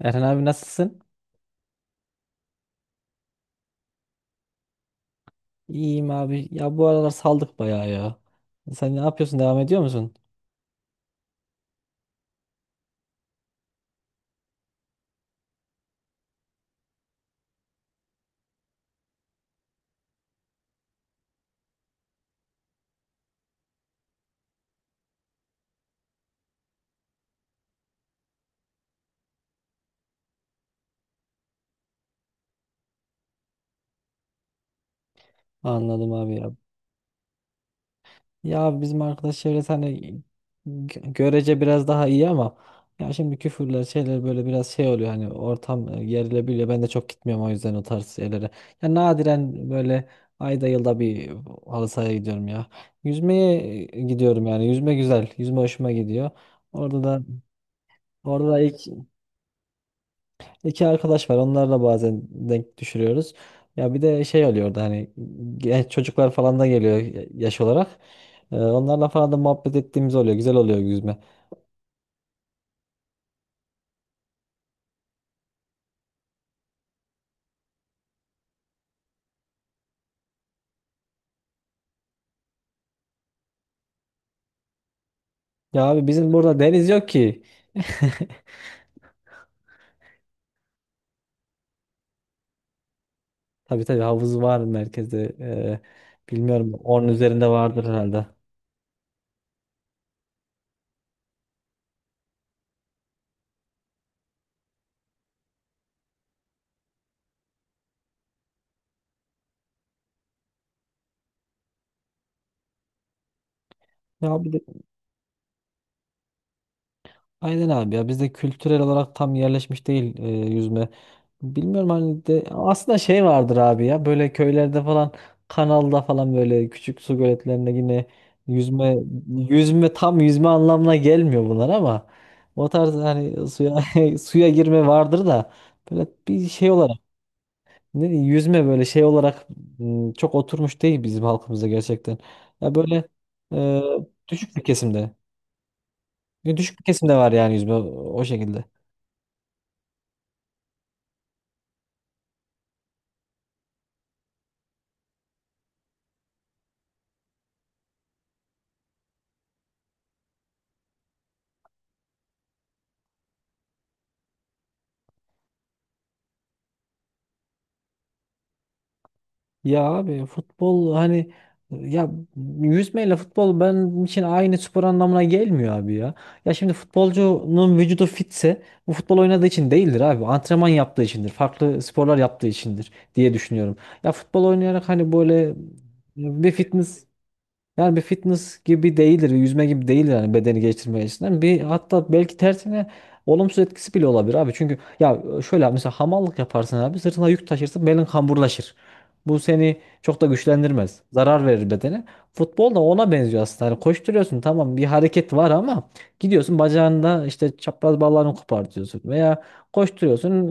Erhan abi nasılsın? İyiyim abi. Ya bu aralar saldık bayağı ya. Sen ne yapıyorsun? Devam ediyor musun? Anladım abi ya. Ya abi bizim arkadaş çevresi hani görece biraz daha iyi ama ya şimdi küfürler şeyler böyle biraz şey oluyor hani ortam gerilebiliyor. Ben de çok gitmiyorum o yüzden o tarz şeylere. Ya nadiren böyle ayda yılda bir halı sahaya gidiyorum ya. Yüzmeye gidiyorum yani. Yüzme güzel. Yüzme hoşuma gidiyor. Orada da Orada da ilk İki arkadaş var. Onlarla bazen denk düşürüyoruz. Ya bir de şey oluyor da hani genç çocuklar falan da geliyor yaş olarak. Onlarla falan da muhabbet ettiğimiz oluyor. Güzel oluyor yüzme. Ya abi bizim burada deniz yok ki. Tabii, tabii, havuz var merkezde. Bilmiyorum onun üzerinde vardır herhalde. Ya abi Aynen abi ya bizde kültürel olarak tam yerleşmiş değil yüzme. Bilmiyorum hani de aslında şey vardır abi ya böyle köylerde falan kanalda falan böyle küçük su göletlerinde yine yüzme yüzme tam yüzme anlamına gelmiyor bunlar ama o tarz hani suya suya girme vardır da böyle bir şey olarak ne diyeyim, yüzme böyle şey olarak çok oturmuş değil bizim halkımızda gerçekten. Ya böyle e, düşük bir kesimde. Düşük bir kesim var yani yüzme o şekilde. Ya abi futbol hani ya yüzmeyle futbol benim için aynı spor anlamına gelmiyor abi ya. Ya şimdi futbolcunun vücudu fitse bu futbol oynadığı için değildir abi. Antrenman yaptığı içindir. Farklı sporlar yaptığı içindir diye düşünüyorum. Ya futbol oynayarak hani böyle bir fitness Yani bir fitness gibi değildir, yüzme gibi değildir yani bedeni geliştirme açısından. Bir hatta belki tersine olumsuz etkisi bile olabilir abi. Çünkü ya şöyle abi, mesela hamallık yaparsın abi sırtına yük taşırsın belin kamburlaşır. Bu seni çok da güçlendirmez. Zarar verir bedene. Futbol da ona benziyor aslında. Hani koşturuyorsun tamam bir hareket var ama gidiyorsun bacağında işte çapraz bağlarını kopartıyorsun veya koşturuyorsun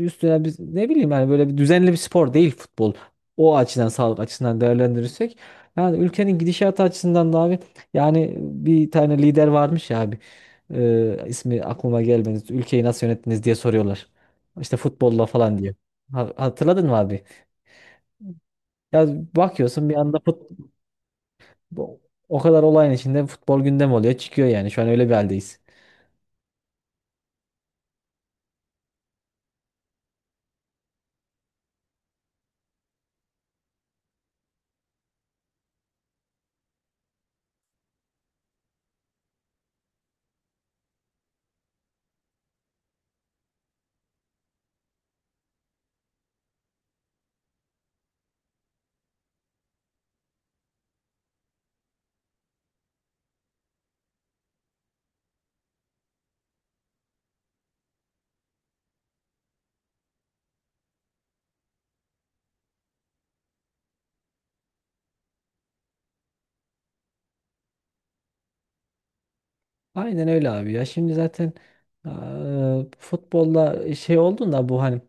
üstüne biz ne bileyim yani böyle bir düzenli bir spor değil futbol. O açıdan sağlık açısından değerlendirirsek yani ülkenin gidişatı açısından da abi yani bir tane lider varmış ya abi. İsmi aklıma gelmedi. Ülkeyi nasıl yönettiniz diye soruyorlar. İşte futbolla falan diye. Hatırladın mı abi? Ya bakıyorsun bir anda fut, o kadar olayın içinde futbol gündem oluyor. Çıkıyor yani. Şu an öyle bir haldeyiz. Aynen öyle abi ya. Şimdi zaten eee, futbolda şey olduğunda bu hani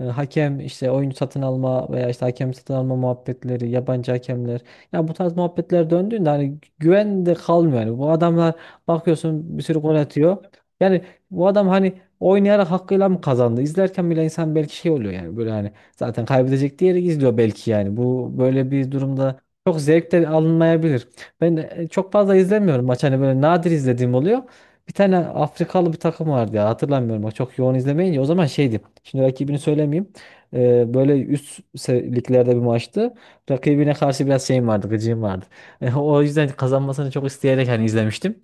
hakem işte oyuncu satın alma veya işte hakem satın alma muhabbetleri, yabancı hakemler. Ya bu tarz muhabbetler döndüğünde hani güven de kalmıyor. Yani bu adamlar, bakıyorsun, bir sürü gol atıyor. Yani bu adam hani oynayarak hakkıyla mı kazandı? İzlerken bile insan belki şey oluyor yani böyle hani zaten kaybedecek diğeri izliyor belki yani. Bu böyle bir durumda çok zevk de alınmayabilir. Ben çok fazla izlemiyorum maç hani böyle nadir izlediğim oluyor. Bir tane Afrikalı bir takım vardı ya hatırlamıyorum bak çok yoğun izlemeyince o zaman şeydi. Şimdi rakibini söylemeyeyim. E, böyle üst liglerde bir maçtı. Rakibine karşı biraz şeyim vardı gıcığım vardı. E, o yüzden kazanmasını çok isteyerek hani izlemiştim.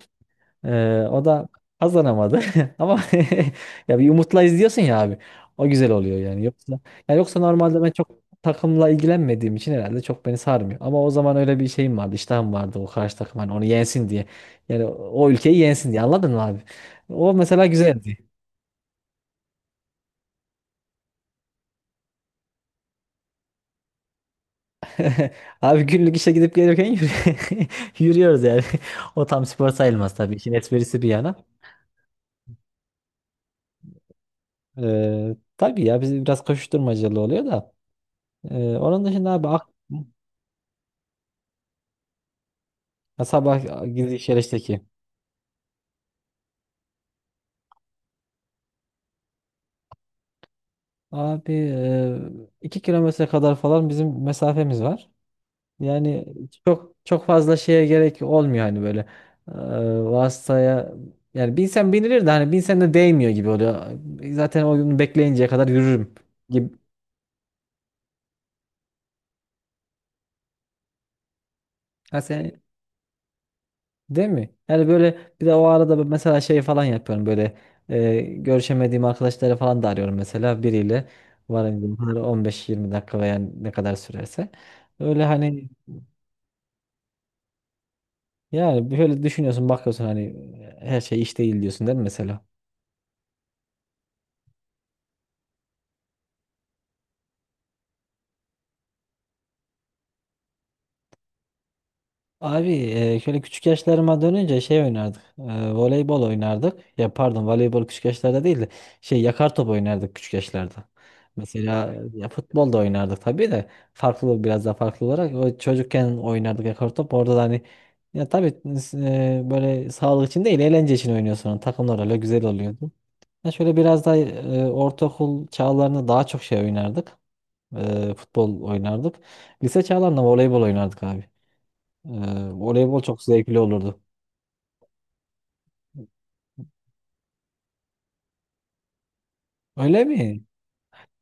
O da kazanamadı ama ya bir umutla izliyorsun ya abi. O güzel oluyor yani. Yoksa, ya yoksa, normalde ben çok takımla ilgilenmediğim için herhalde çok beni sarmıyor. Ama o zaman öyle bir şeyim vardı, iştahım vardı o karşı takım hani onu yensin diye. Yani o ülkeyi yensin diye anladın mı abi? O mesela güzeldi. Abi günlük işe gidip gelirken yürüyoruz yani. O tam spor sayılmaz tabii. İşin esprisi bir yana. Tabii ya bizim biraz koşuşturmacalı oluyor da. Onun dışında abi ha, sabah gidiş yarıştaki. Abi 2 km kadar falan bizim mesafemiz var. Yani çok fazla şeye gerek olmuyor hani böyle e, vasıtaya yani binsen binilir de hani binsen de değmiyor gibi oluyor. Zaten o gün bekleyinceye kadar yürürüm gibi. Ha, sen, değil mi? Yani böyle bir de o arada ben mesela şey falan yapıyorum böyle görüşemediğim arkadaşları falan da arıyorum mesela biriyle varınca 15-20 dakika veya ne kadar sürerse. Öyle hani yani böyle düşünüyorsun bakıyorsun hani her şey iş değil diyorsun değil mi mesela? Abi şöyle küçük yaşlarıma dönünce şey oynardık. Voleybol oynardık. Ya pardon voleybol küçük yaşlarda değil de şey yakar top oynardık küçük yaşlarda. Mesela ya futbol da oynardık tabii de biraz daha farklı olarak o çocukken oynardık yakar top. Orada da hani ya tabii böyle sağlık için değil eğlence için oynuyorsun. Takımlar öyle güzel oluyordu. Ya şöyle biraz daha ortaokul çağlarında daha çok şey oynardık. Futbol oynardık. Lise çağlarında voleybol oynardık abi. Ee, Voleybol çok zevkli olurdu. Öyle mi?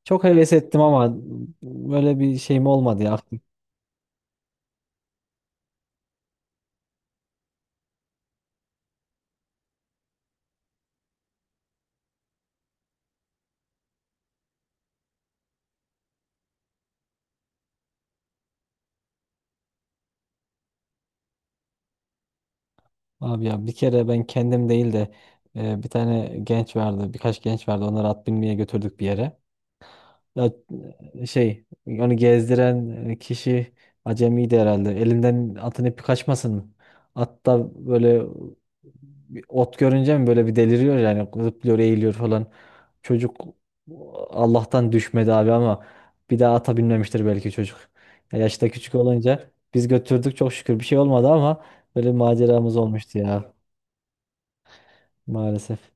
Çok heves ettim ama böyle bir şeyim olmadı ya. Aktif- abi ya bir kere ben kendim değil de bir tane genç vardı, birkaç genç vardı. Onları at binmeye götürdük bir yere. Ya şey onu gezdiren kişi acemiydi herhalde. Elinden atın ipi kaçmasın mı? At da böyle bir ot görünce mi böyle bir deliriyor yani zıplıyor eğiliyor falan. Çocuk Allah'tan düşmedi abi ama bir daha ata binmemiştir belki çocuk. Ya yaşta küçük olunca biz götürdük çok şükür bir şey olmadı ama böyle maceramız olmuştu ya maalesef.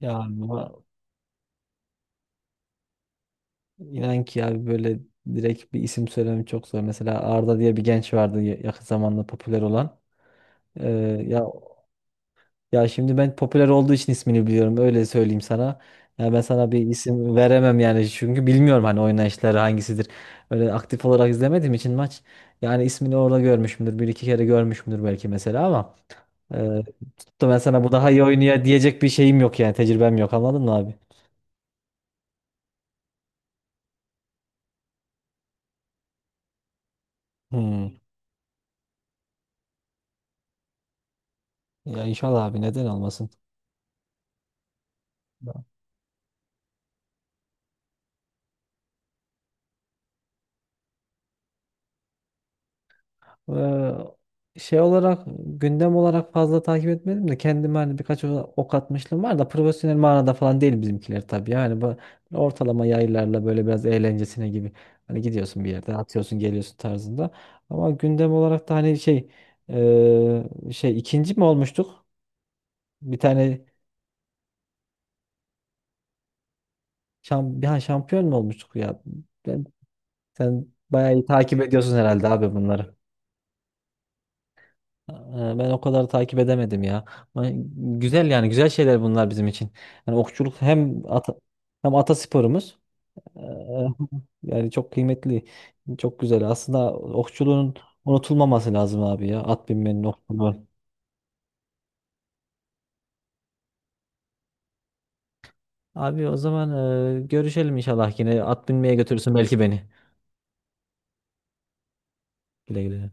Ya İnan ki abi böyle direkt bir isim söylemem çok zor. Mesela Arda diye bir genç vardı yakın zamanda popüler olan. Ee, ya ya şimdi ben popüler olduğu için ismini biliyorum. Öyle söyleyeyim sana. Ya ben sana bir isim veremem yani çünkü bilmiyorum hani oynayışları hangisidir. Öyle aktif olarak izlemediğim için maç. Yani ismini orada görmüşümdür. Bir iki kere görmüşümdür belki mesela ama e, tutup da ben sana bu daha iyi oynuyor diyecek bir şeyim yok yani tecrübem yok anladın mı abi? Hmm. Ya inşallah abi neden olmasın? Ee, Şey olarak gündem olarak fazla takip etmedim de kendime hani birkaç ok atmışlığım var da profesyonel manada falan değil bizimkiler tabii. Yani bu ortalama yaylarla böyle biraz eğlencesine gibi hani gidiyorsun bir yerde atıyorsun geliyorsun tarzında. Ama gündem olarak da hani şey 2. mi olmuştuk? Bir tane bir an şampiyon mu olmuştuk ya? Ben, sen bayağı iyi takip ediyorsun herhalde abi bunları. Ee, Ben o kadar takip edemedim ya. Ama güzel yani güzel şeyler bunlar bizim için. Yani hem atasporumuz. Ee, Yani çok kıymetli, çok güzel. Aslında okçuluğun unutulmaması lazım abi ya. At binmenin okçuluğu. Abi o zaman görüşelim inşallah yine. At binmeye götürürsün belki beni. Güle güle.